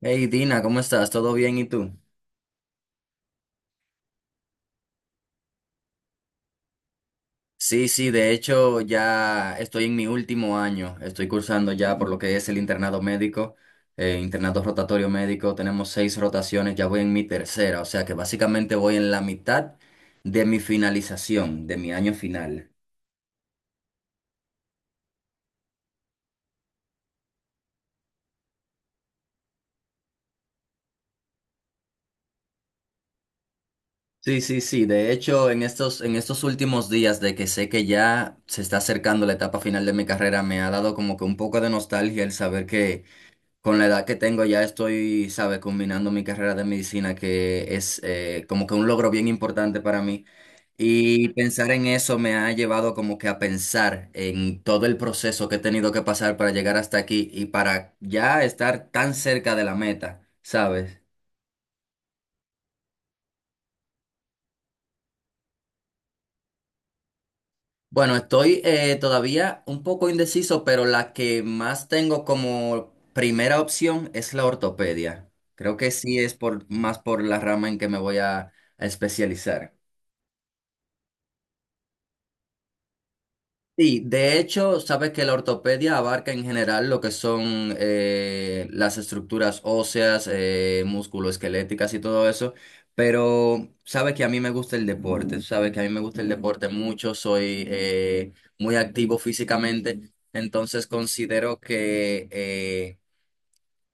Hey Dina, ¿cómo estás? ¿Todo bien? ¿Y tú? Sí, sí, de hecho ya estoy en mi último año, estoy cursando ya por lo que es el internado médico, internado rotatorio médico, tenemos seis rotaciones, ya voy en mi tercera, o sea que básicamente voy en la mitad de mi finalización, de mi año final. Sí, sí, sí, de hecho en estos últimos días de que sé que ya se está acercando la etapa final de mi carrera, me ha dado como que un poco de nostalgia el saber que con la edad que tengo ya estoy, sabe, combinando mi carrera de medicina, que es como que un logro bien importante para mí. Y pensar en eso me ha llevado como que a pensar en todo el proceso que he tenido que pasar para llegar hasta aquí y para ya estar tan cerca de la meta, ¿sabes? Bueno, estoy todavía un poco indeciso, pero la que más tengo como primera opción es la ortopedia. Creo que sí es más por la rama en que me voy a especializar. Sí, de hecho, sabes que la ortopedia abarca en general lo que son las estructuras óseas, musculoesqueléticas y todo eso, pero sabes que a mí me gusta el deporte, sabes que a mí me gusta el deporte mucho, soy muy activo físicamente, entonces considero que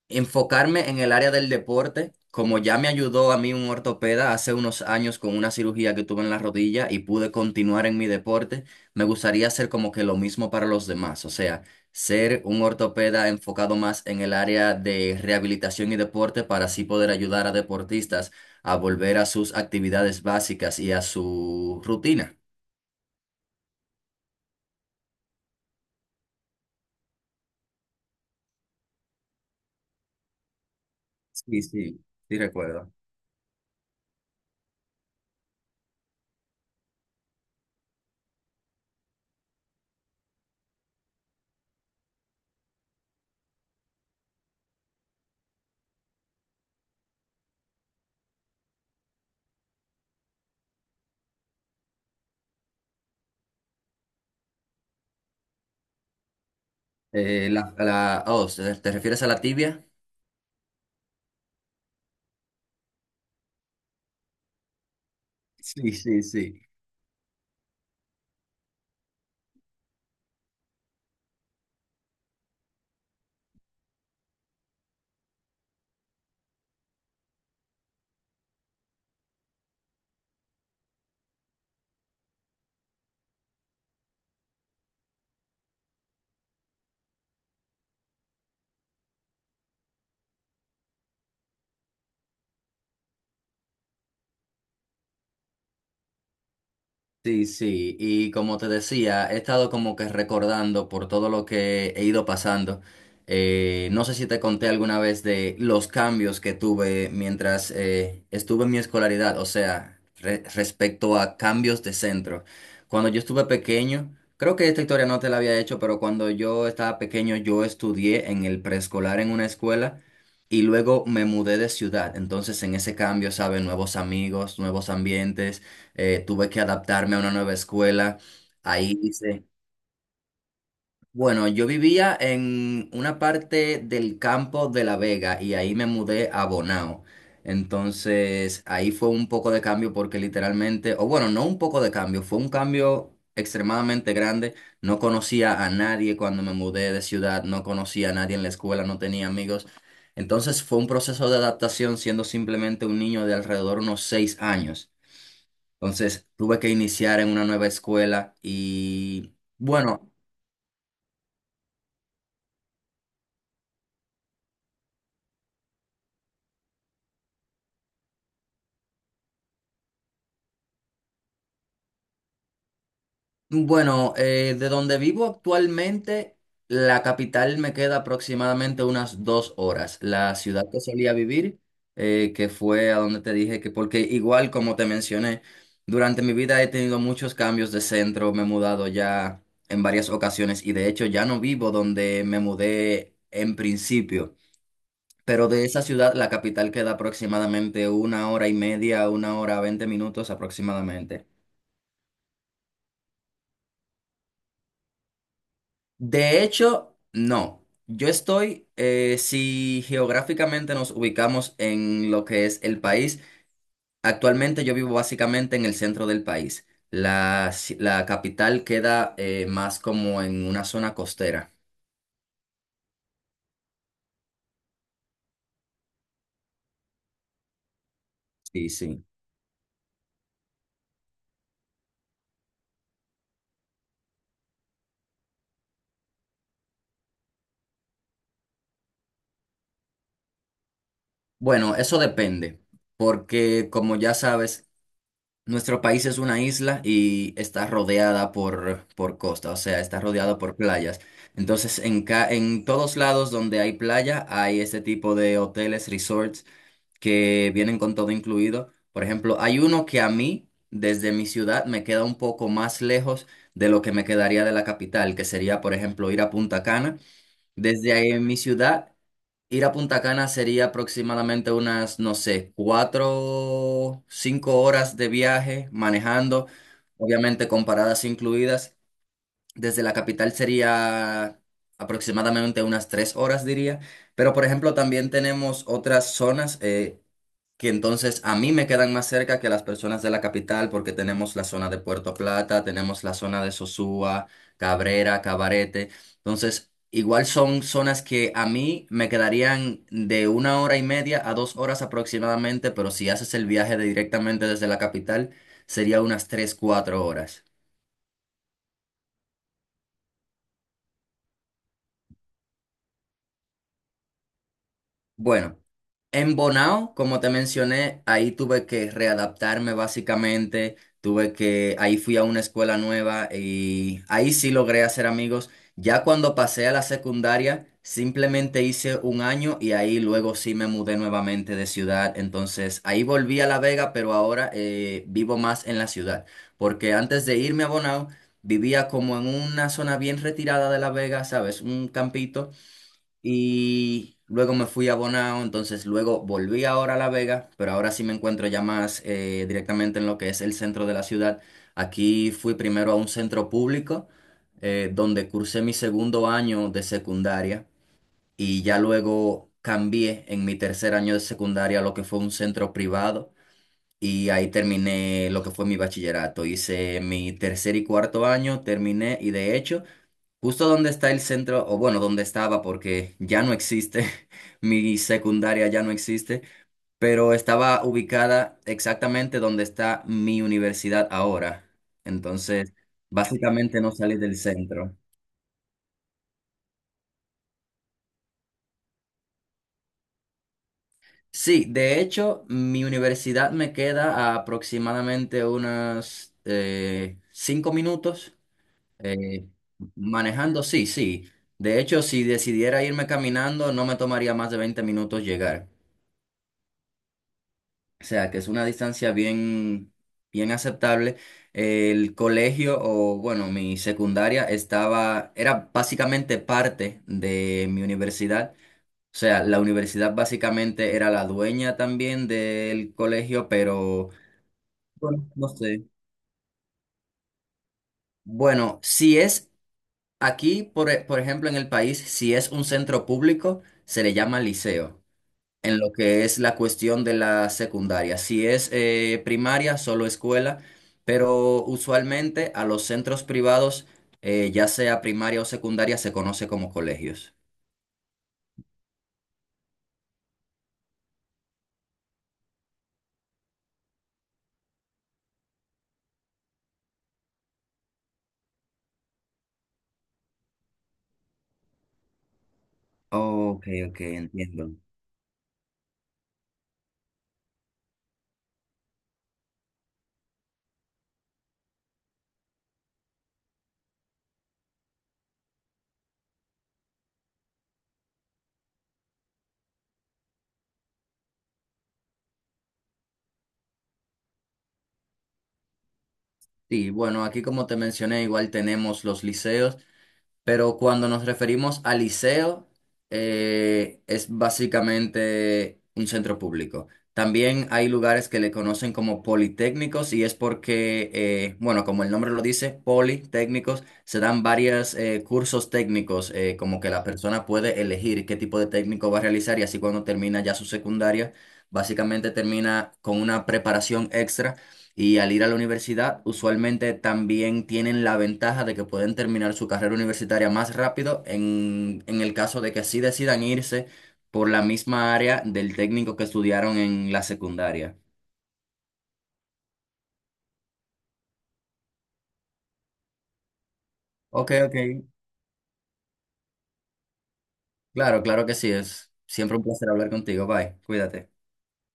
enfocarme en el área del deporte, como ya me ayudó a mí un ortopeda hace unos años con una cirugía que tuve en la rodilla y pude continuar en mi deporte, me gustaría hacer como que lo mismo para los demás, o sea, ser un ortopeda enfocado más en el área de rehabilitación y deporte para así poder ayudar a deportistas a volver a sus actividades básicas y a su rutina. Sí, sí, sí recuerdo. Oh, ¿te refieres a la tibia? Sí, sí, sí. Sí, sí, y como te decía, he estado como que recordando por todo lo que he ido pasando. No sé si te conté alguna vez de los cambios que tuve mientras estuve en mi escolaridad, o sea, respecto a cambios de centro. Cuando yo estuve pequeño, creo que esta historia no te la había hecho, pero cuando yo estaba pequeño yo estudié en el preescolar en una escuela. Y luego me mudé de ciudad, entonces en ese cambio, ¿sabes? Nuevos amigos, nuevos ambientes, tuve que adaptarme a una nueva escuela. Ahí hice, bueno, yo vivía en una parte del campo de La Vega y ahí me mudé a Bonao. Entonces, ahí fue un poco de cambio porque literalmente, o bueno, no un poco de cambio, fue un cambio extremadamente grande. No conocía a nadie cuando me mudé de ciudad, no conocía a nadie en la escuela, no tenía amigos. Entonces fue un proceso de adaptación siendo simplemente un niño de alrededor unos 6 años. Entonces tuve que iniciar en una nueva escuela y bueno, bueno, de donde vivo actualmente, la capital me queda aproximadamente unas 2 horas. La ciudad que solía vivir, que fue a donde te dije que, porque igual como te mencioné, durante mi vida he tenido muchos cambios de centro, me he mudado ya en varias ocasiones y de hecho ya no vivo donde me mudé en principio. Pero de esa ciudad, la capital queda aproximadamente 1 hora y media, 1 hora, 20 minutos aproximadamente. De hecho, no. Yo estoy, si geográficamente nos ubicamos en lo que es el país, actualmente yo vivo básicamente en el centro del país. La capital queda más como en una zona costera. Sí, sí. Bueno, eso depende, porque como ya sabes, nuestro país es una isla y está rodeada por costa, o sea, está rodeada por playas. Entonces, en, en todos lados donde hay playa, hay este tipo de hoteles, resorts, que vienen con todo incluido. Por ejemplo, hay uno que a mí, desde mi ciudad, me queda un poco más lejos de lo que me quedaría de la capital, que sería, por ejemplo, ir a Punta Cana. Desde ahí en mi ciudad. Ir a Punta Cana sería aproximadamente unas, no sé, 4, 5 horas de viaje manejando, obviamente con paradas incluidas. Desde la capital sería aproximadamente unas 3 horas, diría. Pero, por ejemplo, también tenemos otras zonas, que entonces a mí me quedan más cerca que las personas de la capital porque tenemos la zona de Puerto Plata, tenemos la zona de Sosúa, Cabrera, Cabarete. Entonces, igual son zonas que a mí me quedarían de 1 hora y media a 2 horas aproximadamente, pero si haces el viaje de directamente desde la capital, sería unas 3, 4 horas. Bueno. En Bonao, como te mencioné, ahí tuve que readaptarme básicamente, tuve que, ahí fui a una escuela nueva y ahí sí logré hacer amigos. Ya cuando pasé a la secundaria, simplemente hice un año y ahí luego sí me mudé nuevamente de ciudad. Entonces ahí volví a La Vega, pero ahora vivo más en la ciudad, porque antes de irme a Bonao, vivía como en una zona bien retirada de La Vega, ¿sabes? Un campito. Y luego me fui a Bonao, entonces luego volví ahora a La Vega, pero ahora sí me encuentro ya más directamente en lo que es el centro de la ciudad. Aquí fui primero a un centro público, donde cursé mi segundo año de secundaria y ya luego cambié en mi tercer año de secundaria a lo que fue un centro privado y ahí terminé lo que fue mi bachillerato. Hice mi tercer y cuarto año, terminé y de hecho. Justo donde está el centro, o bueno, donde estaba, porque ya no existe, mi secundaria ya no existe, pero estaba ubicada exactamente donde está mi universidad ahora. Entonces, básicamente no salí del centro. Sí, de hecho, mi universidad me queda a aproximadamente unos 5 minutos eh, manejando, sí, sí. De hecho, si decidiera irme caminando, no me tomaría más de 20 minutos llegar. O sea, que es una distancia bien, bien aceptable. El colegio, o bueno, mi secundaria estaba, era básicamente parte de mi universidad. O sea, la universidad básicamente era la dueña también del colegio, pero bueno, no sé. Bueno, si es aquí, por ejemplo, en el país, si es un centro público, se le llama liceo. En lo que es la cuestión de la secundaria. Si es primaria, solo escuela, pero usualmente a los centros privados, ya sea primaria o secundaria, se conoce como colegios. Ok, ok, entiendo. Sí, bueno, aquí como te mencioné, igual tenemos los liceos. Pero cuando nos referimos a liceo, es básicamente un centro público. También hay lugares que le conocen como politécnicos y es porque, bueno, como el nombre lo dice, politécnicos, se dan varios cursos técnicos, como que la persona puede elegir qué tipo de técnico va a realizar y así cuando termina ya su secundaria, básicamente termina con una preparación extra y al ir a la universidad, usualmente también tienen la ventaja de que pueden terminar su carrera universitaria más rápido en, el caso de que sí decidan irse por la misma área del técnico que estudiaron en la secundaria. Ok, ok. Claro, claro que sí es. Siempre un placer hablar contigo. Bye. Cuídate.